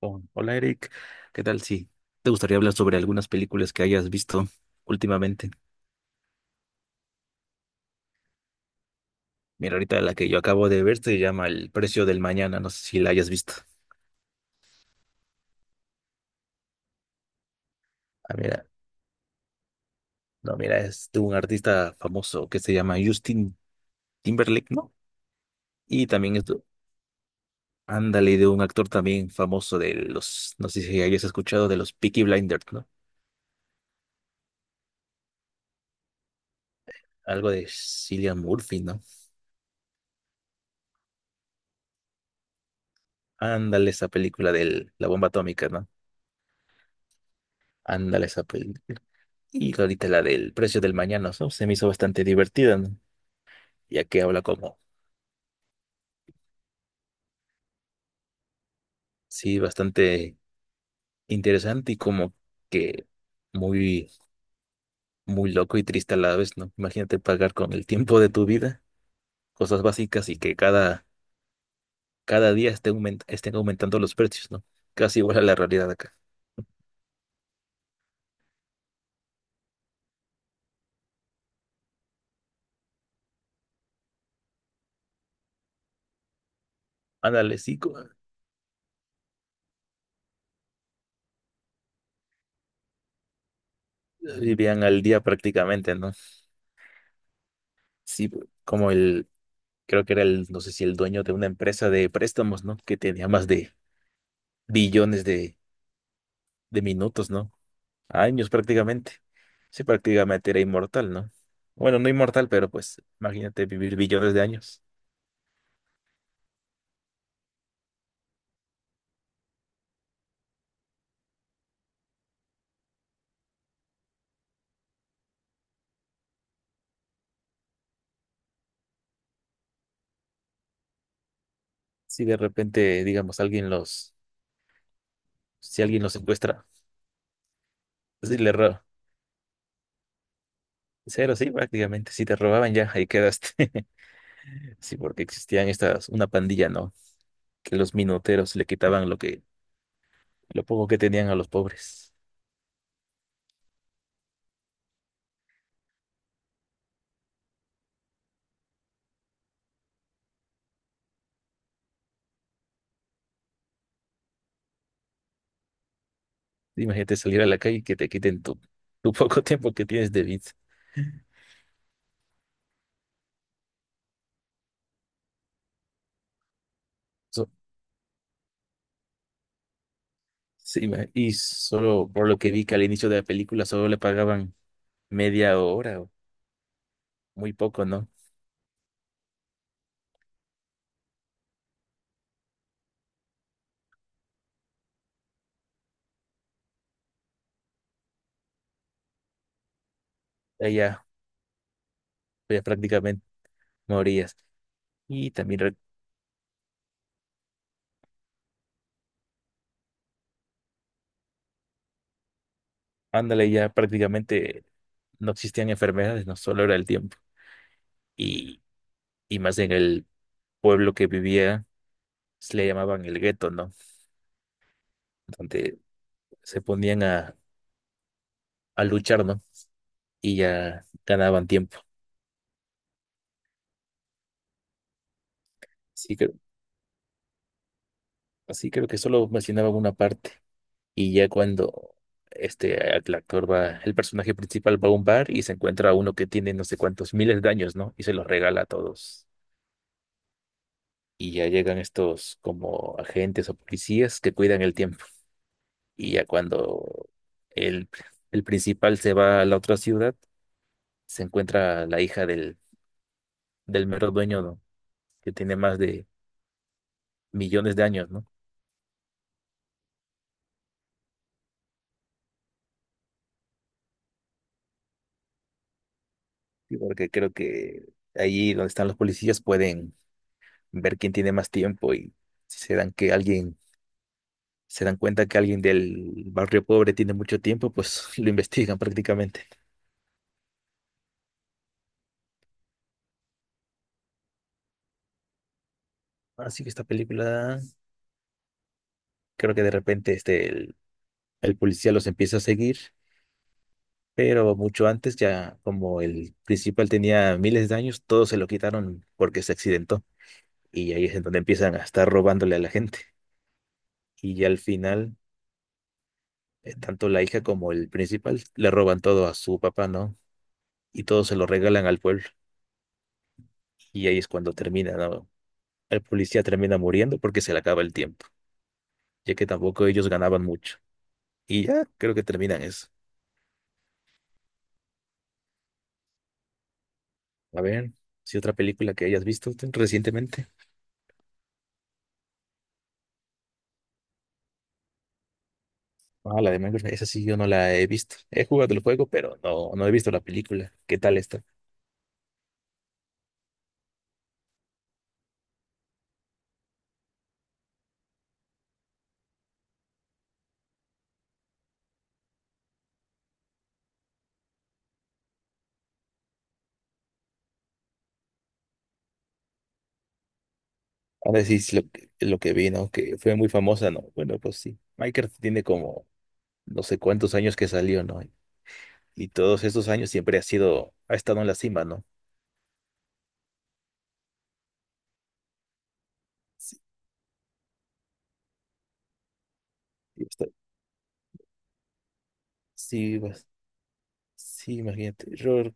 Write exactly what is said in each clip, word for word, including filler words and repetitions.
Oh, hola Eric, ¿qué tal? Sí, te gustaría hablar sobre algunas películas que hayas visto últimamente? Mira, ahorita la que yo acabo de ver se llama El precio del mañana, no sé si la hayas visto. Ah, mira, no, mira, es de un artista famoso que se llama Justin Timberlake, ¿no? Y también es, de- ándale, de un actor también famoso de los, no sé si hayas escuchado de los Peaky Blinders, ¿no? Algo de Cillian Murphy, ¿no? Ándale, esa película de la bomba atómica, ¿no? Ándale esa película. Y ahorita la del precio del mañana, ¿no? Se me hizo bastante divertida, ¿no? Ya que habla como, sí, bastante interesante y como que muy, muy loco y triste a la vez, ¿no? Imagínate pagar con el tiempo de tu vida cosas básicas y que cada, cada día esté aument- estén aumentando los precios, ¿no? Casi igual a la realidad de acá. Ándale, sí, co- vivían al día prácticamente, ¿no? Sí, como el, creo que era el, no sé si el dueño de una empresa de préstamos, ¿no? Que tenía más de billones de de minutos, ¿no? Años prácticamente. Sí, prácticamente era inmortal, ¿no? Bueno, no inmortal, pero pues imagínate vivir billones de años. Si de repente, digamos, alguien los, si alguien los secuestra, si le roba, cero, sí, prácticamente, si te robaban ya, ahí quedaste. Sí, porque existían estas, una pandilla, ¿no? Que los minuteros le quitaban lo que, lo poco que tenían a los pobres. Imagínate salir a la calle y que te quiten tu, tu poco tiempo que tienes de vida. So- Sí, ma- y solo por lo que vi que al inicio de la película solo le pagaban media hora, o muy poco, ¿no? Ahí ya, ya prácticamente morías. Y también, re- ándale, ya prácticamente no existían enfermedades, no solo era el tiempo. Y, y más en el pueblo que vivía, se le llamaban el gueto, ¿no? Donde se ponían a, a luchar, ¿no? Y ya ganaban tiempo. Así que, así creo que solo mencionaba una parte. Y ya cuando este, el actor va, el personaje principal va a un bar y se encuentra a uno que tiene no sé cuántos miles de años, ¿no? Y se los regala a todos. Y ya llegan estos como agentes o policías que cuidan el tiempo. Y ya cuando el, el principal se va a la otra ciudad, se encuentra la hija del, del mero dueño, ¿no? Que tiene más de millones de años, ¿no? Y porque creo que allí donde están los policías pueden ver quién tiene más tiempo y si se dan que alguien se dan cuenta que alguien del barrio pobre tiene mucho tiempo, pues lo investigan prácticamente. Así que esta película, creo que de repente este, el, el policía los empieza a seguir, pero mucho antes ya como el principal tenía miles de años, todos se lo quitaron porque se accidentó. Y ahí es en donde empiezan a estar robándole a la gente. Y ya al final, eh, tanto la hija como el principal le roban todo a su papá, ¿no? Y todo se lo regalan al pueblo. Y ahí es cuando termina, ¿no? El policía termina muriendo porque se le acaba el tiempo, ya que tampoco ellos ganaban mucho. Y ya creo que terminan eso. A ver, si otra película que hayas visto tú recientemente. Ah, la de Minecraft, esa sí yo no la he visto. He jugado el juego, pero no, no he visto la película. ¿Qué tal está? Ahora sí, es lo, que- lo que vi, ¿no? Que fue muy famosa, ¿no? Bueno, pues sí. Minecraft tiene como no sé cuántos años que salió, ¿no? Y todos estos años siempre ha sido, ha estado en la cima, ¿no? Sí, y está- sí, pues, sí, imagínate. Ror,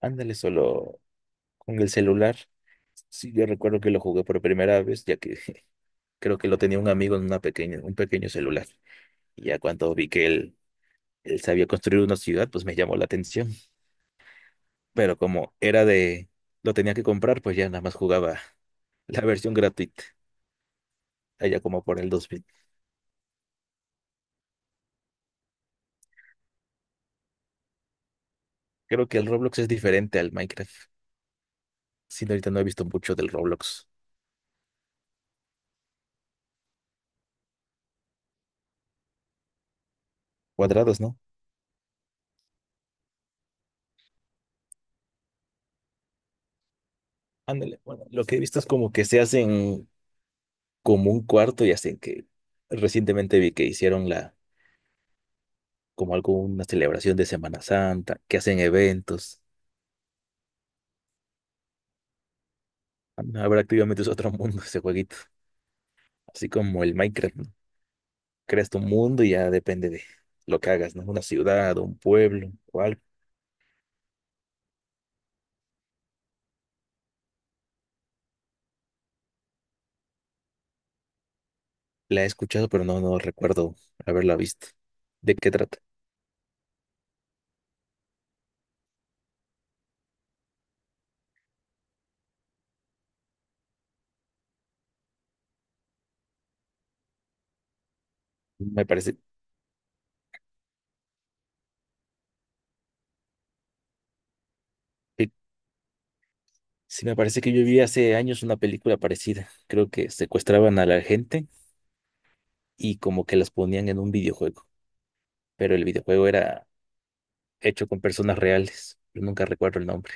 ándale, solo con el celular. Sí, yo recuerdo que lo jugué por primera vez, ya que creo que lo tenía un amigo en una pequeña, un pequeño celular. Y ya cuando vi que él, él sabía construir una ciudad, pues me llamó la atención. Pero como era de, lo tenía que comprar, pues ya nada más jugaba la versión gratuita, allá como por el dos mil. Creo que el Roblox es diferente al Minecraft. Sí, no, ahorita no he visto mucho del Roblox. Cuadrados, ¿no? Ándale, bueno, lo que he visto es como que se hacen como un cuarto y hacen que recientemente vi que hicieron la como alguna celebración de Semana Santa, que hacen eventos. Habrá activamente es otro mundo ese jueguito, así como el Minecraft, ¿no? Creas tu mundo y ya depende de lo que hagas, ¿no? Una ciudad, un pueblo, o algo. La he escuchado, pero no, no recuerdo haberla visto. ¿De qué trata? Me parece, eh, sí, me parece que yo vi hace años una película parecida. Creo que secuestraban a la gente y como que las ponían en un videojuego, pero el videojuego era hecho con personas reales. Yo nunca recuerdo el nombre.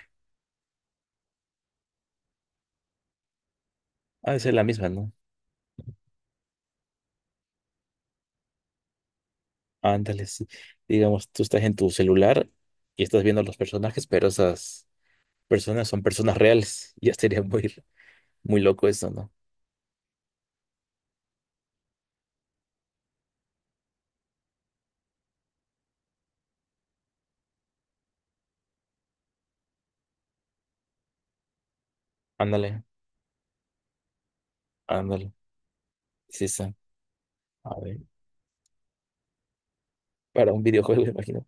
Ah, esa es la misma, ¿no? Ándale, sí. Digamos, tú estás en tu celular y estás viendo los personajes, pero esas personas son personas reales. Ya sería muy, muy loco eso, ¿no? Ándale, ándale. Sí, sí. A ver, para un videojuego, me imagino.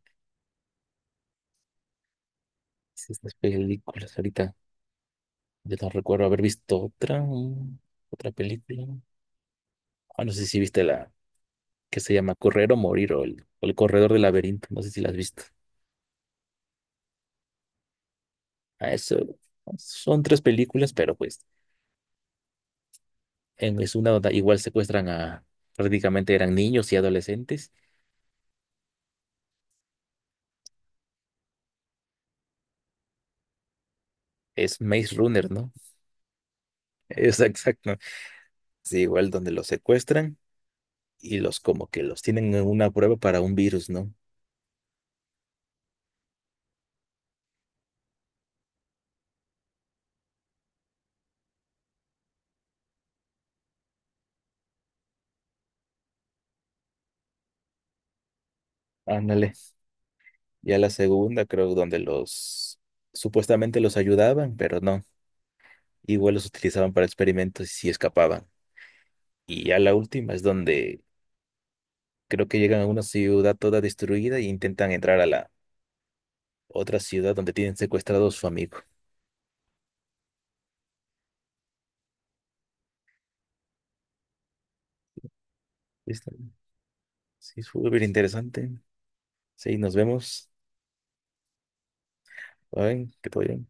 Sí, estas películas ahorita. Yo no recuerdo haber visto otra, mm, otra película. Ah, no sé si viste la que se llama Correr o Morir o el, o el Corredor del Laberinto. No sé si la has visto. Ah, eso. Son tres películas, pero pues. En es una donde igual secuestran a prácticamente eran niños y adolescentes. Es Maze Runner, ¿no? Es exacto. Sí, igual donde los secuestran y los como que los tienen en una prueba para un virus, ¿no? Ándale. Ya la segunda, creo, donde los supuestamente los ayudaban, pero no. Igual los utilizaban para experimentos y sí escapaban. Y ya la última es donde creo que llegan a una ciudad toda destruida e intentan entrar a la otra ciudad donde tienen secuestrado a su amigo. ¿Viste? Sí, es súper interesante. Sí, nos vemos. Bye, que todo bien.